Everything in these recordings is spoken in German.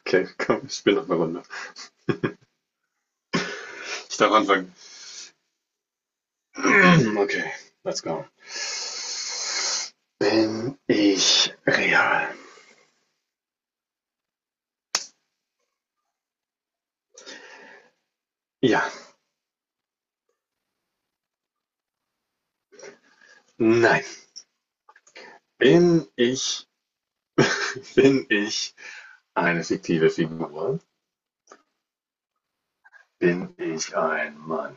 Okay, komm, ich spiele noch eine Runde. Ich darf anfangen. Okay, let's go. Bin ich real? Ja. Nein. Bin ich, bin ich eine fiktive Figur? Bin ich ein Mann?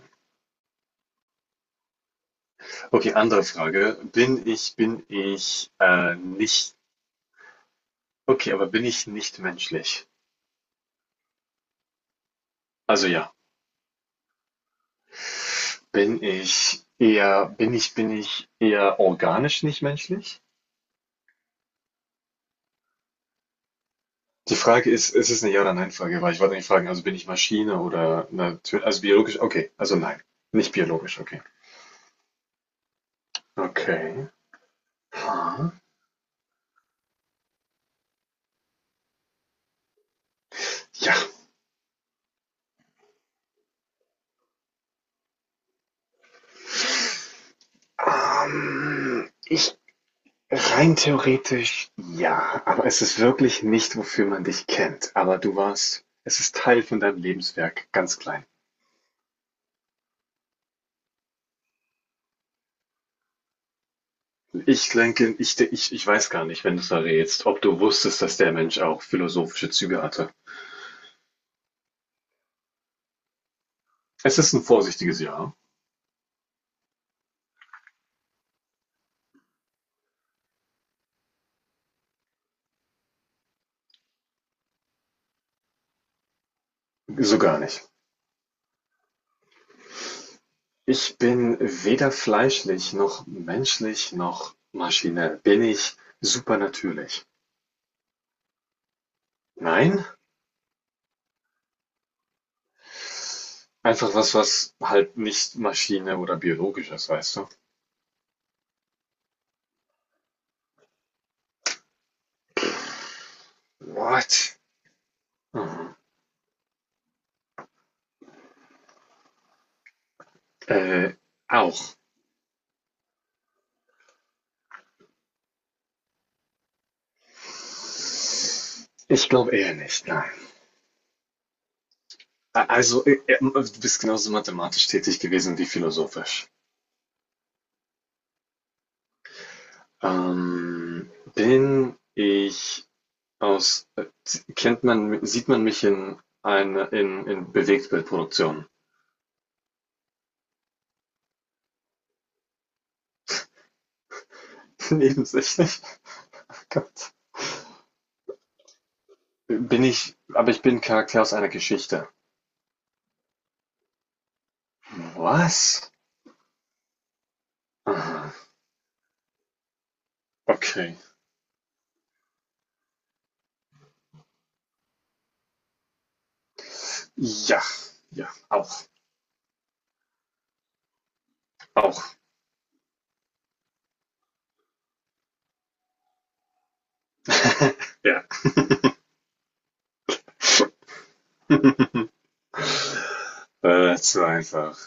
Okay, andere Frage. Bin ich nicht, okay, aber bin ich nicht menschlich? Also ja. Bin ich eher organisch nicht menschlich? Die Frage ist, ist es 'ne Ja oder Nein-Frage, weil ich wollte nicht fragen, also bin ich Maschine oder natürlich, also biologisch okay, also nein, nicht biologisch, okay. Okay. Ha. Ja, ich rein theoretisch ja, aber es ist wirklich nicht, wofür man dich kennt. Aber du warst es ist Teil von deinem Lebenswerk, ganz klein. Ich denke, ich weiß gar nicht, wenn du's errätst, ob du wusstest, dass der Mensch auch philosophische Züge hatte. Es ist ein vorsichtiges Ja, so gar nicht. Ich bin weder fleischlich noch menschlich noch Maschine. Bin ich supernatürlich? Nein, einfach was, was halt nicht Maschine oder biologisch ist, weißt du? What? Mhm. Äh, Auch. Ich glaube eher nicht, nein. Also, du bist genauso mathematisch tätig gewesen wie philosophisch. Bin ich aus, kennt man, sieht man mich in, eine, in Bewegtbildproduktionen? Nebensächlich? Gott. Bin ich, aber ich bin Charakter aus einer Geschichte. Was? Aha. Okay. Ja, ja, auch, auch. Ja. Äh, zu einfach.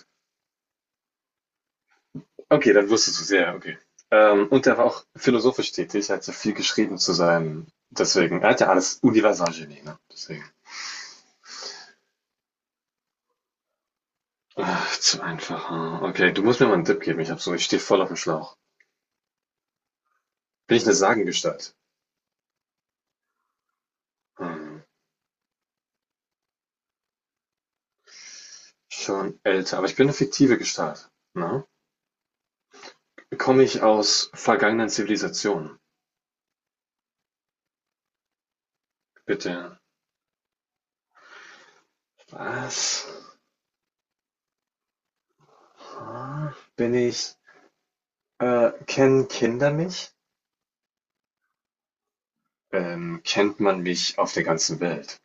Okay, dann wusstest du es, ja, okay. Und er war auch philosophisch tätig, er hat ja viel geschrieben zu sein deswegen, er hat ja alles Universalgenie, ne? Deswegen. Ach, zu einfach. Hm. Okay, du musst mir mal einen Tipp geben, ich hab so, ich stehe voll auf dem Schlauch. Bin ich eine Sagengestalt? Hm. Schon älter, aber ich bin eine fiktive Gestalt, ne? Komme ich aus vergangenen Zivilisationen? Bitte. Was? Bin ich, kennen Kinder mich? Kennt man mich auf der ganzen Welt?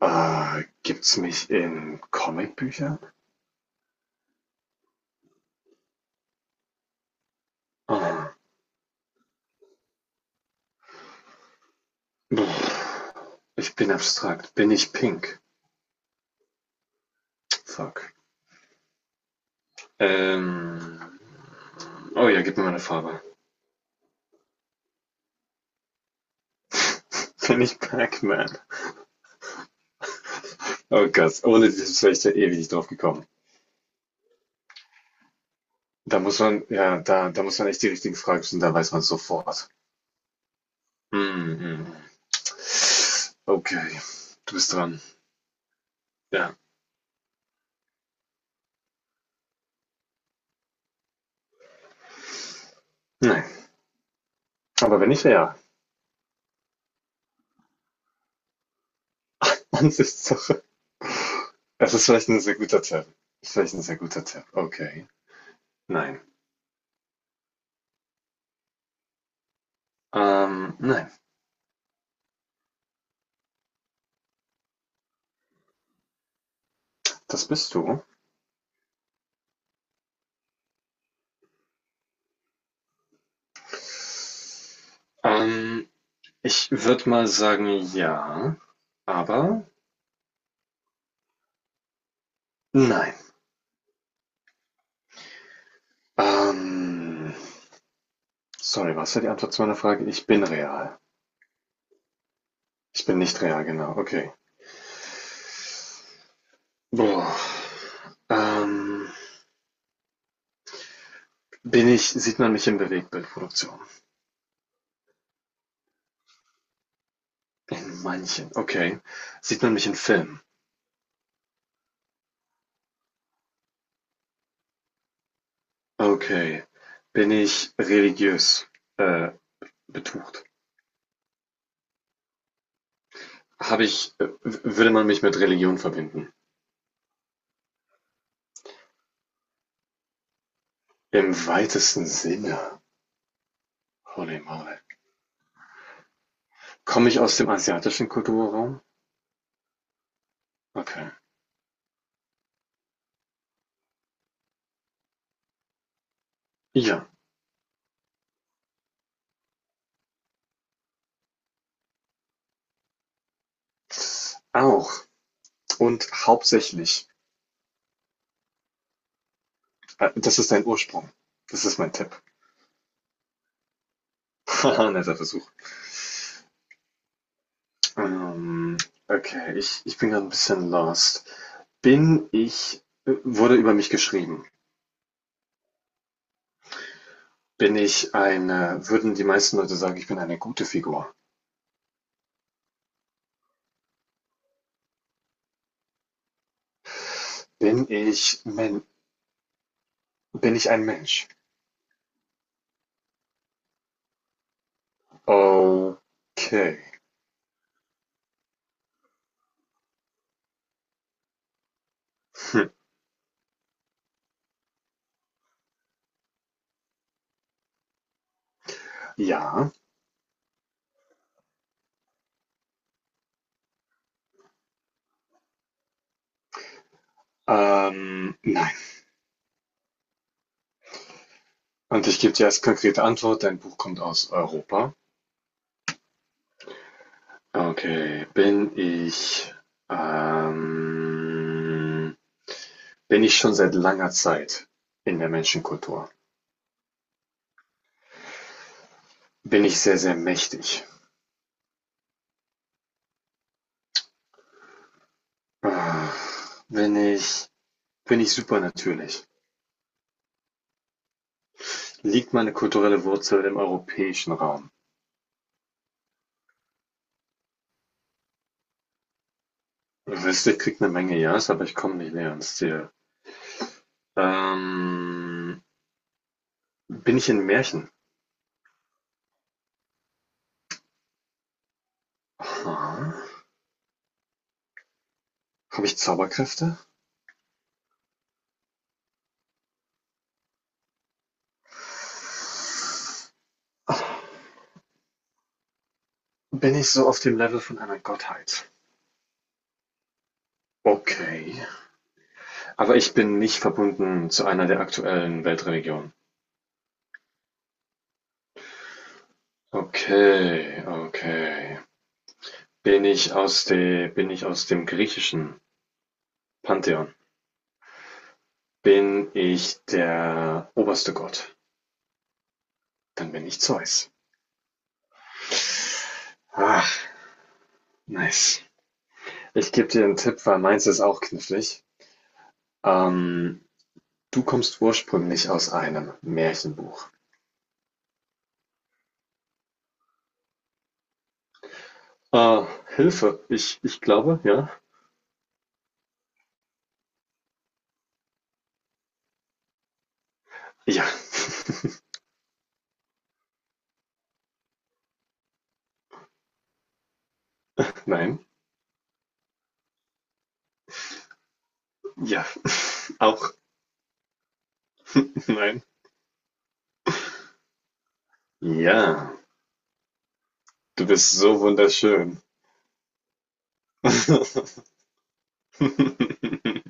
Gibt's mich in Comicbüchern? Oh. Ich bin abstrakt. Bin ich pink? Fuck. Ähm. Oh ja, gib mir mal eine Farbe. Bin ich Pac-Man? Oh Gott, ohne dieses wäre ich da ewig nicht drauf gekommen. Da muss man, ja, da muss man echt die richtigen Fragen stellen, da weiß man sofort. Mhm. Okay, du bist dran. Ja. Nein. Aber wenn nicht, ja. Ansichtssache. Es ist vielleicht ein sehr guter Tipp. Ist vielleicht ein sehr guter Tipp. Okay. Nein. Nein. Das bist du. Ähm, ich würde mal sagen, ja. Aber nein. Ähm, Sorry, was war die Antwort zu meiner Frage? Ich bin real. Ich bin nicht real, genau. Okay. Boah. Ähm, Bin ich, sieht man mich in Bewegtbildproduktion? In manchen, okay. Sieht man mich in Filmen? Okay. Bin ich religiös, äh, betucht? Habe ich, würde man mich mit Religion verbinden? Im weitesten Sinne. Holy moly. Komme ich aus dem asiatischen Kulturraum? Okay. Ja, auch. Und hauptsächlich. Das ist dein Ursprung. Das ist mein Tipp. Haha, netter Versuch. Ähm, okay, ich bin gerade ein bisschen lost. Bin ich wurde über mich geschrieben. Bin ich eine würden die meisten Leute sagen, ich bin eine gute Figur? Bin ich Men bin ich ein Mensch? Okay. Hm. Ja. Nein. Und ich gebe dir als konkrete Antwort, dein Buch kommt aus Europa. Okay. Ähm, bin ich schon seit langer Zeit in der Menschenkultur? Bin ich sehr, sehr mächtig? Ah, Bin ich bin ich super natürlich? Liegt meine kulturelle Wurzel im europäischen Raum? Wüsste kriegt eine Menge Ja's, aber ich komme nicht näher ans Ziel. Ähm, bin ich in Märchen? Aha. Habe ich Zauberkräfte? Ach, bin ich so auf dem Level von einer Gottheit? Okay. Aber ich bin nicht verbunden zu einer der aktuellen Weltreligionen. Okay, okay. Bin ich aus dem griechischen Pantheon? Bin ich der oberste Gott? Dann bin ich Zeus. Ach, nice. Ich gebe dir einen Tipp, weil meins ist auch knifflig. Ähm, du kommst ursprünglich aus einem Märchenbuch. Äh, Hilfe. Ich glaube, ja. Ja, nein. Ja, auch nein. Ja, du bist so wunderschön.